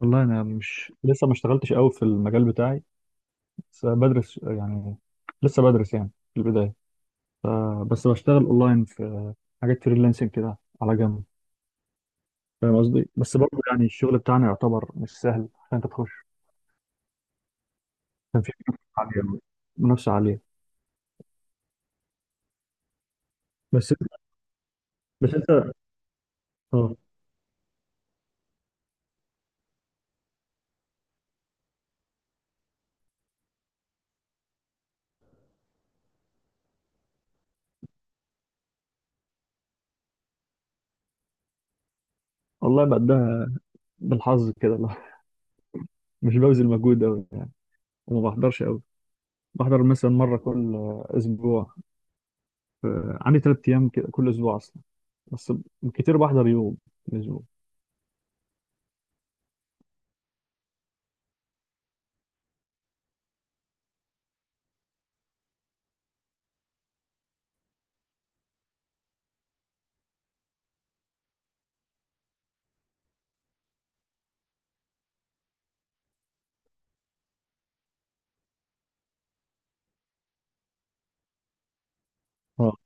والله انا مش لسه ما اشتغلتش قوي في المجال بتاعي، بس بدرس لسه بدرس يعني في البدايه. ف- بس بشتغل اونلاين في حاجات فريلانسنج كده على جنب. فاهم قصدي؟ بس برضه يعني الشغل بتاعنا يعتبر مش سهل عشان انت تخش. كان في منافسه عاليه أوي، منافسه عاليه. بس انت بس انت اه. والله بقدها بالحظ كده، لا مش ببذل مجهود قوي يعني، وما بحضرش قوي. بحضر مثلا مره كل اسبوع. ف- عندي ثلاث ايام كده كل اسبوع اصلا، بس كتير بحضر يوم في الأسبوع. اه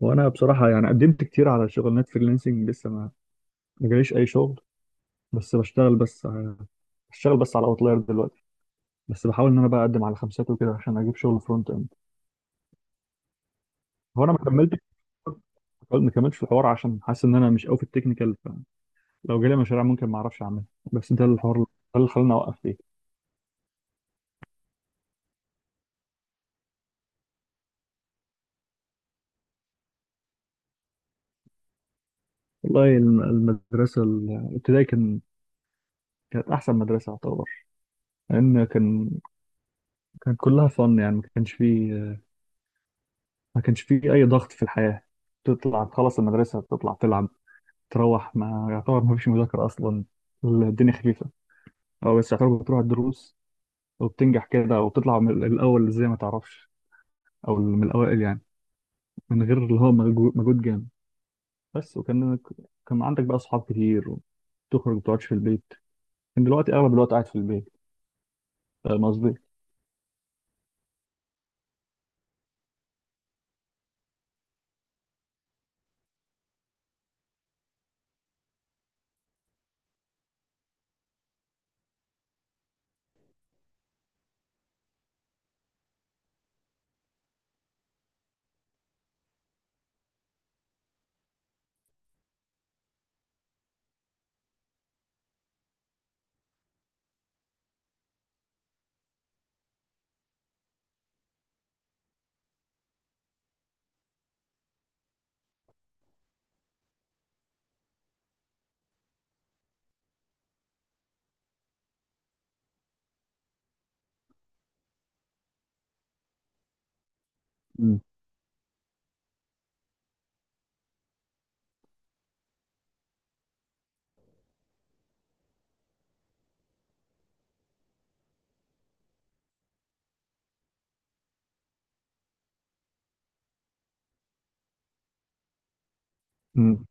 وانا بصراحه يعني قدمت كتير على شغلانات فريلانسنج لسه ما جاليش اي شغل. بس بشتغل بس ع- بشتغل بس على اوتلاير دلوقتي، بس بحاول ان انا بقى اقدم على خمسات وكده عشان اجيب شغل فرونت اند. هو انا ما كملتش في الحوار عشان حاسس ان انا مش قوي في التكنيكال، فلو جالي مشاريع ممكن ما اعرفش اعملها. بس ده الحوار ده اللي خلاني اوقف فيه. والله المدرسه الابتدائي كانت احسن مدرسه اعتبر، لان كان كلها فن يعني ما كانش فيه اي ضغط في الحياه. تطلع تخلص المدرسة تطلع تلعب تروح، ما يعتبر ما فيش مذاكرة أصلا، الدنيا خفيفة. أو بس يعتبر بتروح الدروس وبتنجح كده وبتطلع من الأول زي ما تعرفش، أو من الأوائل يعني، من غير اللي هو مجهود جامد بس. وكان عندك بقى أصحاب كتير وتخرج ما بتقعدش في البيت. كان دلوقتي أغلب الوقت قاعد في البيت. فاهم قصدي؟ مم. امم،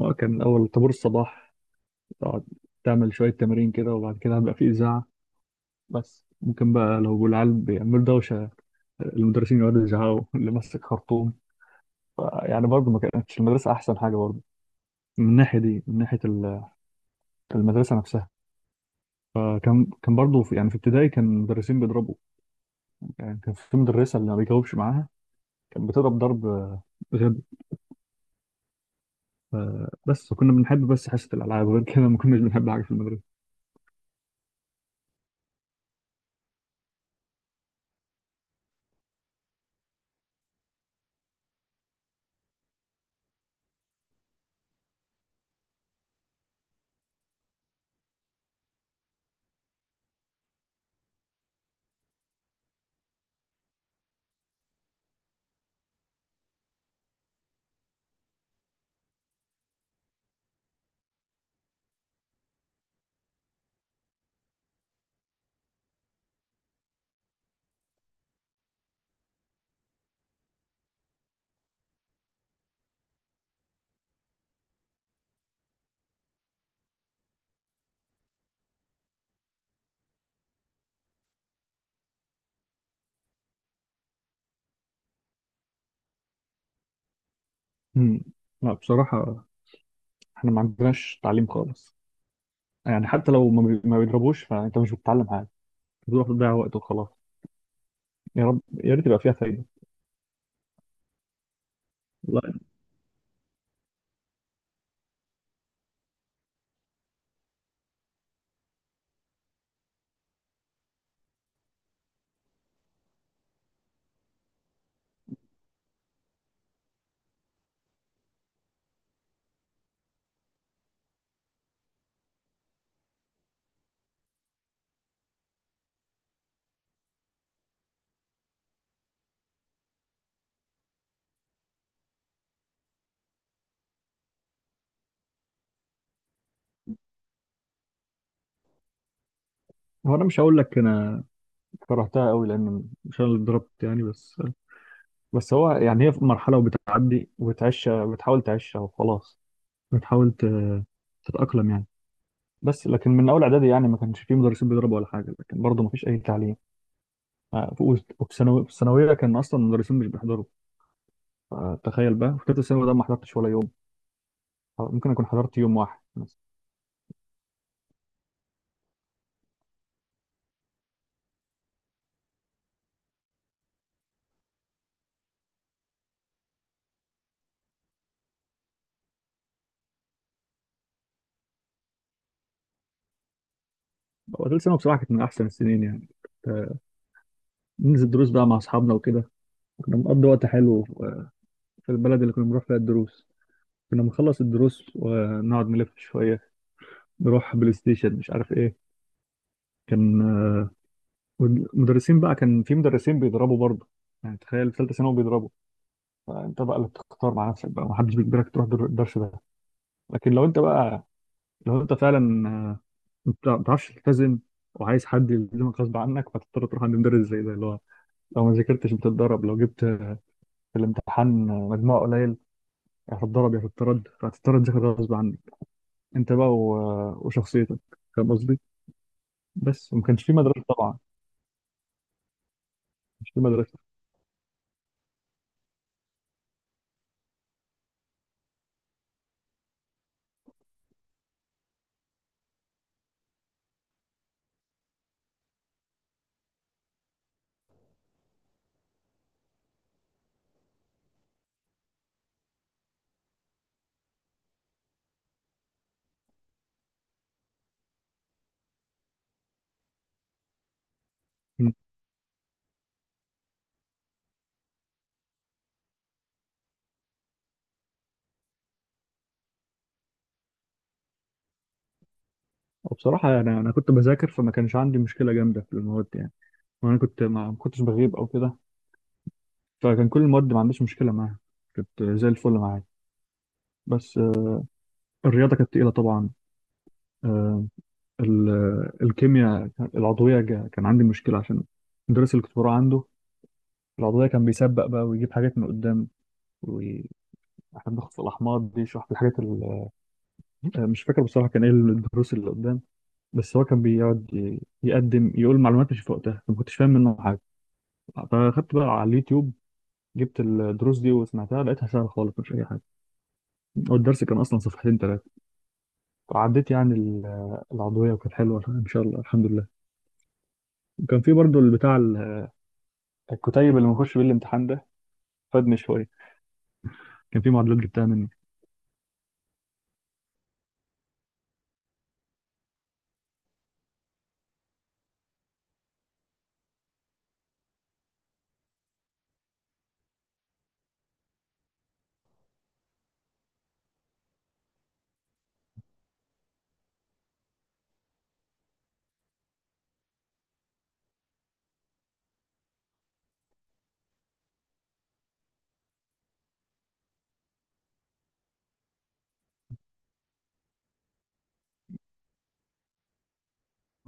اه، كان اول طابور الصباح تقعد تعمل شويه تمارين كده، وبعد كده هيبقى في اذاعه. بس ممكن بقى لو العيال بيعملوا دوشه، المدرسين يقعدوا يزعقوا، اللي ماسك خرطوم. يعني برضه ما كانتش المدرسة أحسن حاجة برضه من الناحية دي، من ناحية المدرسة نفسها. فكان برضه في يعني في ابتدائي كان المدرسين بيضربوا. يعني كان في مدرسة اللي ما بيجاوبش معاها كانت بتضرب ضرب غبي. ف- بس كنا بنحب بس حصة الألعاب، غير كده ما كناش بنحب حاجة في المدرسة. مم. لا بصراحة احنا ما عندناش تعليم خالص. يعني حتى لو ما بيضربوش فأنت مش بتتعلم حاجة، بتروح تضيع وقت وخلاص. يا رب يا ريت يبقى فيها فايدة. والله هو أنا مش هقول لك أنا كرهتها قوي، لأن مش أنا اللي اتضربت يعني. بس بس هو يعني هي في مرحلة وبتعدي وبتعيش، بتحاول تعيشها وخلاص، بتحاول تتأقلم يعني. بس لكن من أول إعدادي يعني ما كانش فيه مدرسين بيضربوا ولا حاجة، لكن برضه ما فيش أي تعليم. آه، ف- وفي في الثانوية كان أصلا المدرسين مش بيحضروا. تخيل بقى في تالتة ثانوي ده ما حضرتش ولا يوم. ممكن أكون حضرت يوم واحد مثلا. هو تالتة ثانوي بصراحة كانت من أحسن السنين يعني. آه، ننزل دروس بقى مع أصحابنا وكده، كنا بنقضي وقت حلو آه، في البلد اللي كنا بنروح فيها الدروس. كنا بنخلص الدروس ونقعد نلف شوية، نروح بلاي ستيشن مش عارف ايه. كان، آه، والمدرسين بقى كان في مدرسين بيضربوا برضه. يعني تخيل في ثالثه ثانوي بيضربوا. فانت بقى اللي بتختار مع نفسك بقى، محدش بيجبرك تروح الدرس ده. لكن لو انت بقى، لو انت فعلا آه، انت ما بتعرفش تلتزم وعايز حد يلزمك غصب عنك، فتضطر تروح عند مدرس زي ده اللي هو لو ما ذاكرتش بتتضرب، لو جبت آه، في الامتحان مجموع قليل، يا هتتضرب يا هتترد، فهتضطر تذاكر غصب عنك انت بقى وشخصيتك. فاهم قصدي؟ بس وما كانش في مدرسه طبعا، مش في مدرسه. وبصراحة أنا كنت بذاكر، فما كانش عندي مشكلة جامدة في المواد يعني. وأنا كنت ما كنتش بغيب أو كده، فكان كل المواد ما عنديش مشكلة معاها، كنت زي الفل معايا. بس آه، الرياضة كانت تقيلة طبعا. آه، الكيمياء العضوية كان عندي مشكلة عشان المدرس اللي كنت بروح عنده العضوية كان بيسبق بقى ويجيب حاجات من قدام، وإحنا بناخد في الأحماض دي يشرح الحاجات مش فاكر بصراحة كان إيه الدروس اللي قدام. بس هو كان بيقعد يقدم يقول معلومات مش في وقتها، ما كنتش فاهم منه حاجة. فاخدت بقى على اليوتيوب، جبت الدروس دي وسمعتها، لقيتها سهله خالص مش اي حاجه. هو الدرس كان اصلا صفحتين ثلاثه. وعديت يعني العضويه وكانت حلوه ان شاء الله الحمد لله. وكان في برضو البتاع الكتيب اللي بنخش بيه الامتحان ده فادني شويه، كان في معادلات جبتها منه.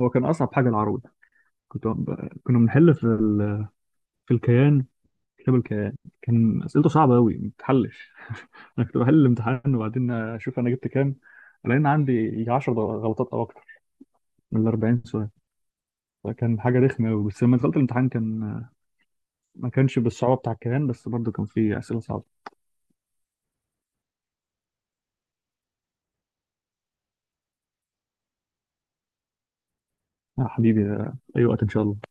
هو كان اصعب حاجه العروض. كنا بنحل في ال... في الكيان، كتاب الكيان كان اسئلته صعبه قوي ما بتحلش. انا كنت بحل الامتحان وبعدين اشوف انا جبت كام، لان عندي يجي 10 غلطات او اكتر من ال 40 سؤال. فكان حاجه رخمه قوي، بس لما دخلت الامتحان كان ما كانش بالصعوبة بتاع الكيهان، بس برضه كان فيه أسئلة صعبة. يا حبيبي، آه، أي وقت إن شاء الله.